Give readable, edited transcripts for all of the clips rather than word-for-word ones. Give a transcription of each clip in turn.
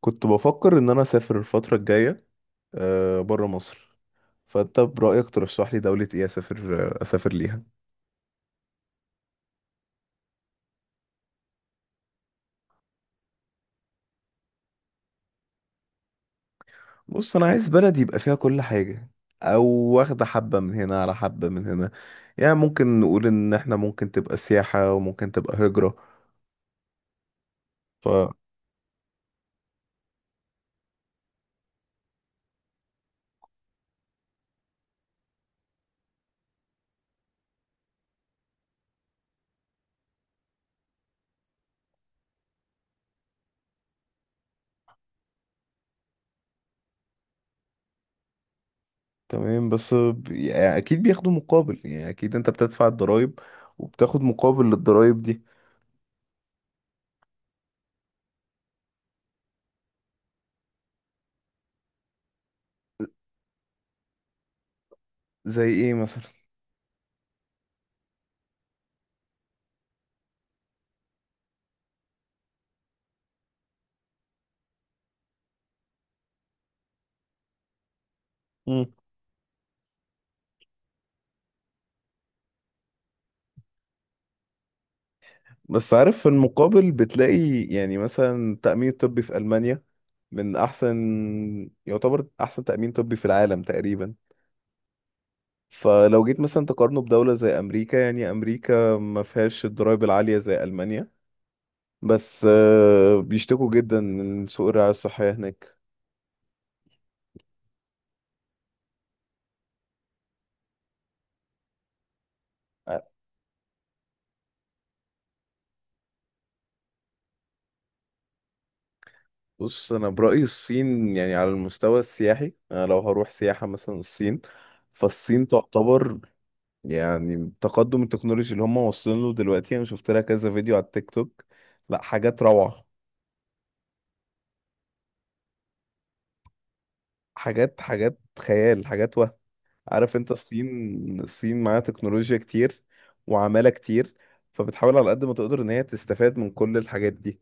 كنت بفكر ان انا اسافر الفتره الجايه، بره مصر. فانت برايك ترشح لي دوله ايه اسافر، اسافر ليها؟ بص، انا عايز بلد يبقى فيها كل حاجه، او واخده حبه من هنا على حبه من هنا. يعني ممكن نقول ان احنا ممكن تبقى سياحه وممكن تبقى هجره. ف تمام، بس يعني اكيد بياخدوا مقابل، يعني اكيد انت بتدفع الضرايب وبتاخد مقابل للضرايب دي. زي ايه مثلا؟ بس عارف، في المقابل بتلاقي يعني مثلا التأمين الطبي في ألمانيا من أحسن، يعتبر أحسن تأمين طبي في العالم تقريبا. فلو جيت مثلا تقارنه بدولة زي أمريكا، يعني أمريكا ما فيهاش الضرايب العالية زي ألمانيا، بس بيشتكوا جدا من سوء الرعاية الصحية هناك. آه، بص، أنا برأيي الصين يعني على المستوى السياحي، أنا لو هروح سياحة مثلا الصين، فالصين تعتبر يعني التقدم التكنولوجي اللي هم واصلين له دلوقتي، انا شفت لها كذا فيديو على التيك توك. لا حاجات روعة، حاجات حاجات خيال، حاجات وهم. عارف انت، الصين معاها تكنولوجيا كتير وعمالة كتير، فبتحاول على قد ما تقدر ان هي تستفاد من كل الحاجات دي.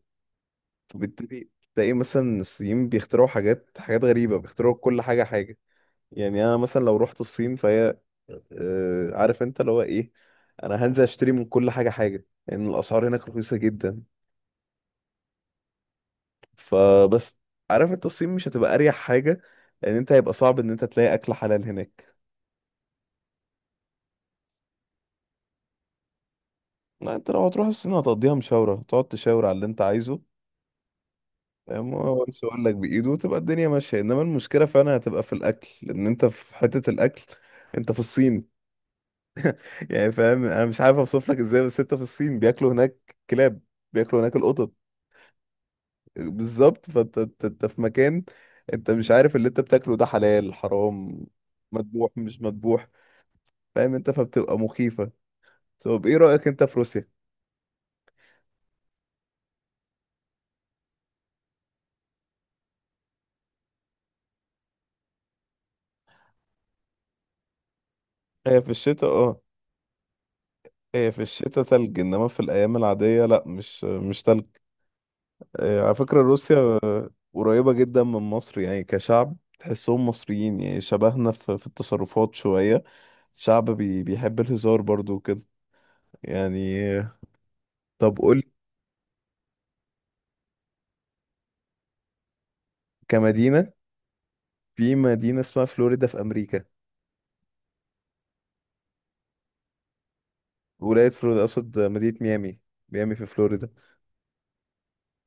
وبالتالي تلاقي مثلا الصين بيخترعوا حاجات حاجات غريبة، بيخترعوا كل حاجة حاجة. يعني انا مثلا لو رحت الصين فهي، عارف انت اللي هو ايه، انا هنزل اشتري من كل حاجة حاجة، لان الاسعار هناك رخيصة جدا. فبس عارف انت الصين مش هتبقى اريح حاجه، لان انت هيبقى صعب ان انت تلاقي اكل حلال هناك. لا، انت لو هتروح الصين هتقضيها مشاوره، تقعد تشاور على اللي انت عايزه. فاهم؟ هو مش هيقول لك بايده وتبقى الدنيا ماشيه، انما المشكله فعلا هتبقى في الاكل، لان انت في حته الاكل، انت في الصين. يعني فاهم، انا مش عارف اوصف لك ازاي، بس انت في الصين بياكلوا هناك كلاب، بياكلوا هناك القطط. بالظبط، فانت انت في مكان، انت مش عارف اللي انت بتاكله ده حلال حرام، مذبوح مش مذبوح. فاهم انت؟ فبتبقى مخيفه. طب ايه رأيك انت في روسيا؟ هي في الشتاء اه، هي في الشتاء تلج، انما في الايام العادية لا، مش تلج. على فكرة روسيا قريبة جدا من مصر، يعني كشعب تحسهم مصريين، يعني شبهنا في التصرفات شوية، شعب بيحب الهزار برضو وكده. يعني طب قول. كمدينة، في مدينة اسمها فلوريدا في امريكا. ولاية فلوريدا اقصد، مدينة ميامي، ميامي في فلوريدا.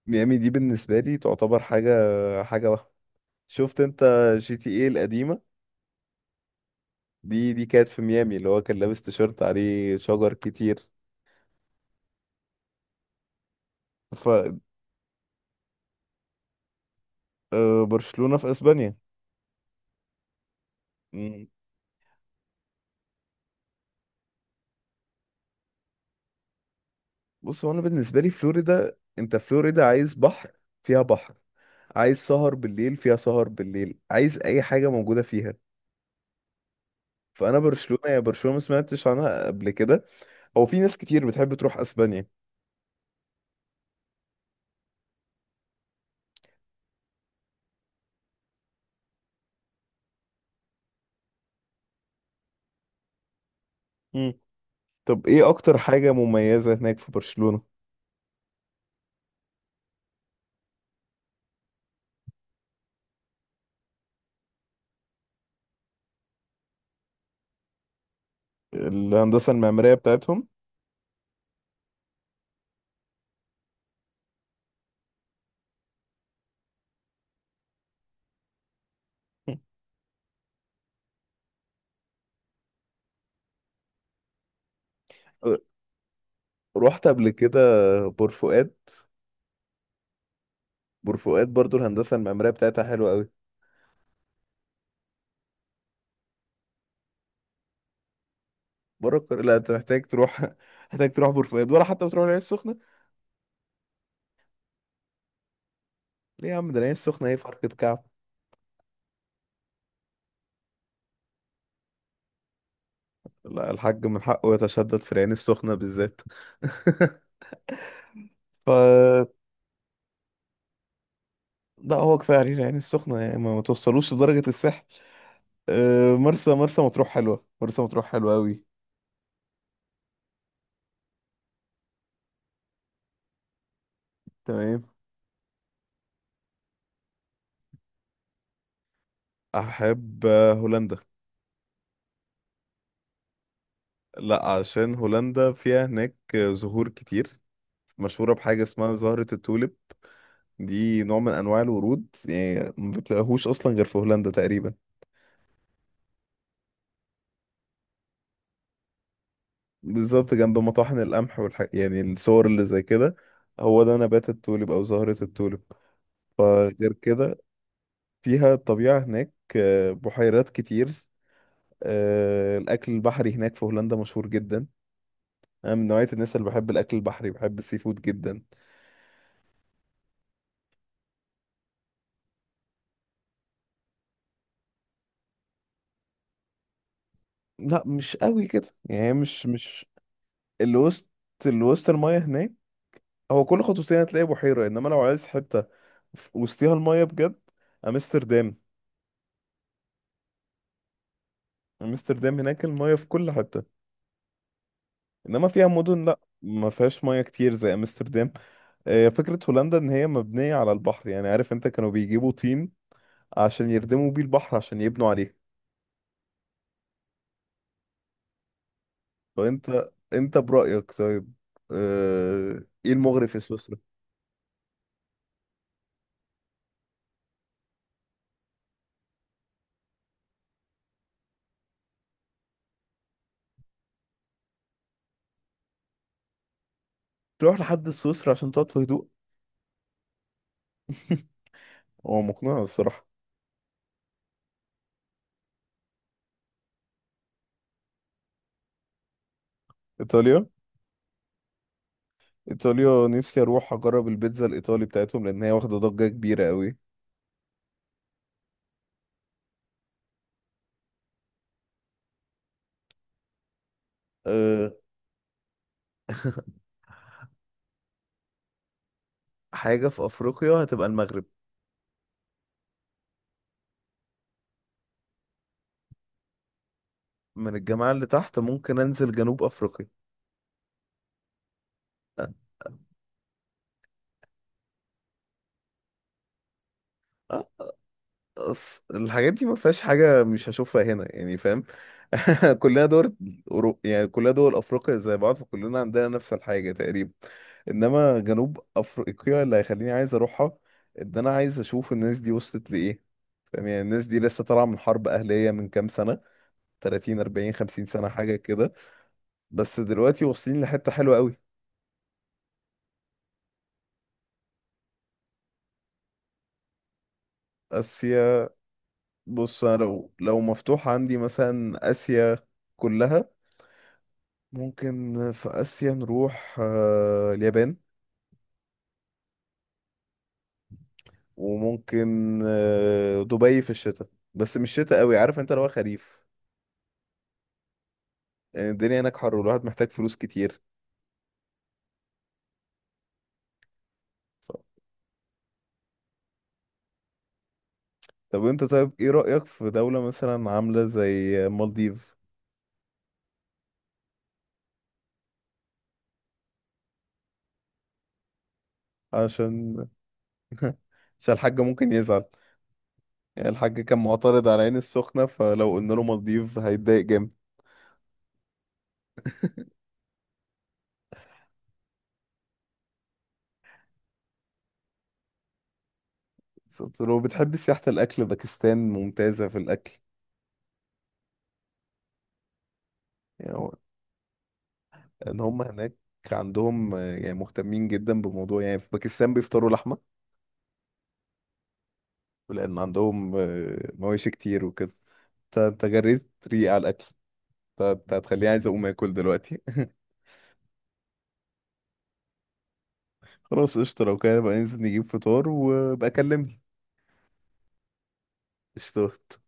ميامي دي بالنسبة لي تعتبر حاجة، حاجة واحدة. شفت انت جي تي ايه القديمة؟ دي كانت في ميامي، اللي هو كان لابس تيشيرت عليه شجر كتير. ف برشلونة في اسبانيا. مم. بص، هو انا بالنسبة لي فلوريدا، انت فلوريدا عايز بحر، فيها بحر. عايز سهر بالليل، فيها سهر بالليل. عايز اي حاجة موجودة فيها. فانا برشلونة، يا برشلونة ما سمعتش عنها قبل كده. هو في ناس كتير بتحب تروح اسبانيا. مم. طب ايه اكتر حاجة مميزة هناك في برشلونة؟ الهندسة المعمارية بتاعتهم؟ مم. رحت قبل كده بور فؤاد. بورفؤاد برضو الهندسه المعماريه بتاعتها حلوه قوي. بره القاهره؟ لا، انت محتاج تروح، محتاج تروح بورفؤاد، ولا حتى بتروح العين السخنه. ليه يا عم؟ ده العين السخنه ايه فرقه كعب. لا، الحاج من حقه يتشدد في العين السخنه بالذات. ف لا، هو كفايه عليه العين السخنه، يعني ما توصلوش لدرجه الساحل. أه، مرسى مطروح حلوه، مرسى مطروح حلوه قوي. تمام. احب هولندا. لا، عشان هولندا فيها هناك زهور كتير، مشهوره بحاجه اسمها زهره التوليب. دي نوع من انواع الورود، يعني ما بتلاقيهوش اصلا غير في هولندا تقريبا. بالظبط، جنب مطاحن القمح يعني الصور اللي زي كده، هو ده نبات التوليب او زهرة التوليب. فغير كده فيها الطبيعة هناك، بحيرات كتير. الاكل البحري هناك في هولندا مشهور جدا. انا من نوعية الناس اللي بحب الاكل البحري، بحب السي فود جدا. لا مش قوي كده يعني، مش اللي وسط اللي وسط المايه هناك. هو كل خطوتين هتلاقي بحيرة، انما لو عايز حتة وسطيها المايه بجد، امستردام. امستردام هناك المايه في كل حته، انما فيها مدن لا ما فيهاش مايه كتير زي امستردام. فكره هولندا ان هي مبنيه على البحر، يعني عارف انت كانوا بيجيبوا طين عشان يردموا بيه البحر، عشان يبنوا عليه. فانت انت برايك طيب، ايه المغري في سويسرا؟ تروح لحد سويسرا عشان تقعد في هدوء؟ هو مقنع الصراحه. ايطاليا، ايطاليا نفسي اروح اجرب البيتزا الايطالي بتاعتهم، لان هي واخده ضجه كبيره قوي. أه. حاجة في أفريقيا هتبقى المغرب. من الجماعة اللي تحت، ممكن أنزل جنوب أفريقيا. أه. أه، الحاجات دي ما فيهاش حاجة مش هشوفها هنا، يعني فاهم. كلنا دول يعني كلنا دول أفريقيا زي بعض، فكلنا عندنا نفس الحاجة تقريبا. إنما جنوب أفريقيا اللي هيخليني عايز أروحها، إن أنا عايز أشوف الناس دي وصلت لإيه. فاهم؟ يعني الناس دي لسه طالعة من حرب أهلية من كام سنة، 30 40 50 سنة حاجة كده. بس دلوقتي واصلين لحتة حلوة قوي. آسيا؟ بص، انا لو لو مفتوح عندي مثلا اسيا كلها، ممكن في اسيا نروح اليابان، وممكن دبي في الشتاء. بس مش شتاء قوي، عارف انت، لو خريف. يعني الدنيا هناك حر، والواحد محتاج فلوس كتير. طب انت طيب، ايه رأيك في دولة مثلا عاملة زي مالديف؟ عشان عشان الحاج ممكن يزعل. يعني الحاج كان معترض على عين السخنة، فلو قلنا له مالديف هيتضايق جامد. بالظبط. لو بتحب سياحة الأكل، باكستان ممتازة في الأكل. يعني هو- إن هم هناك عندهم يعني مهتمين جدا بموضوع، يعني في باكستان بيفطروا لحمة، لأن عندهم مواشي كتير وكده. انت جريت ريق على الأكل، انت هتخليني عايز أقوم آكل دلوقتي. خلاص قشطة، لو كده بقى ننزل نجيب فطار، وبقى كلمني. قشطة.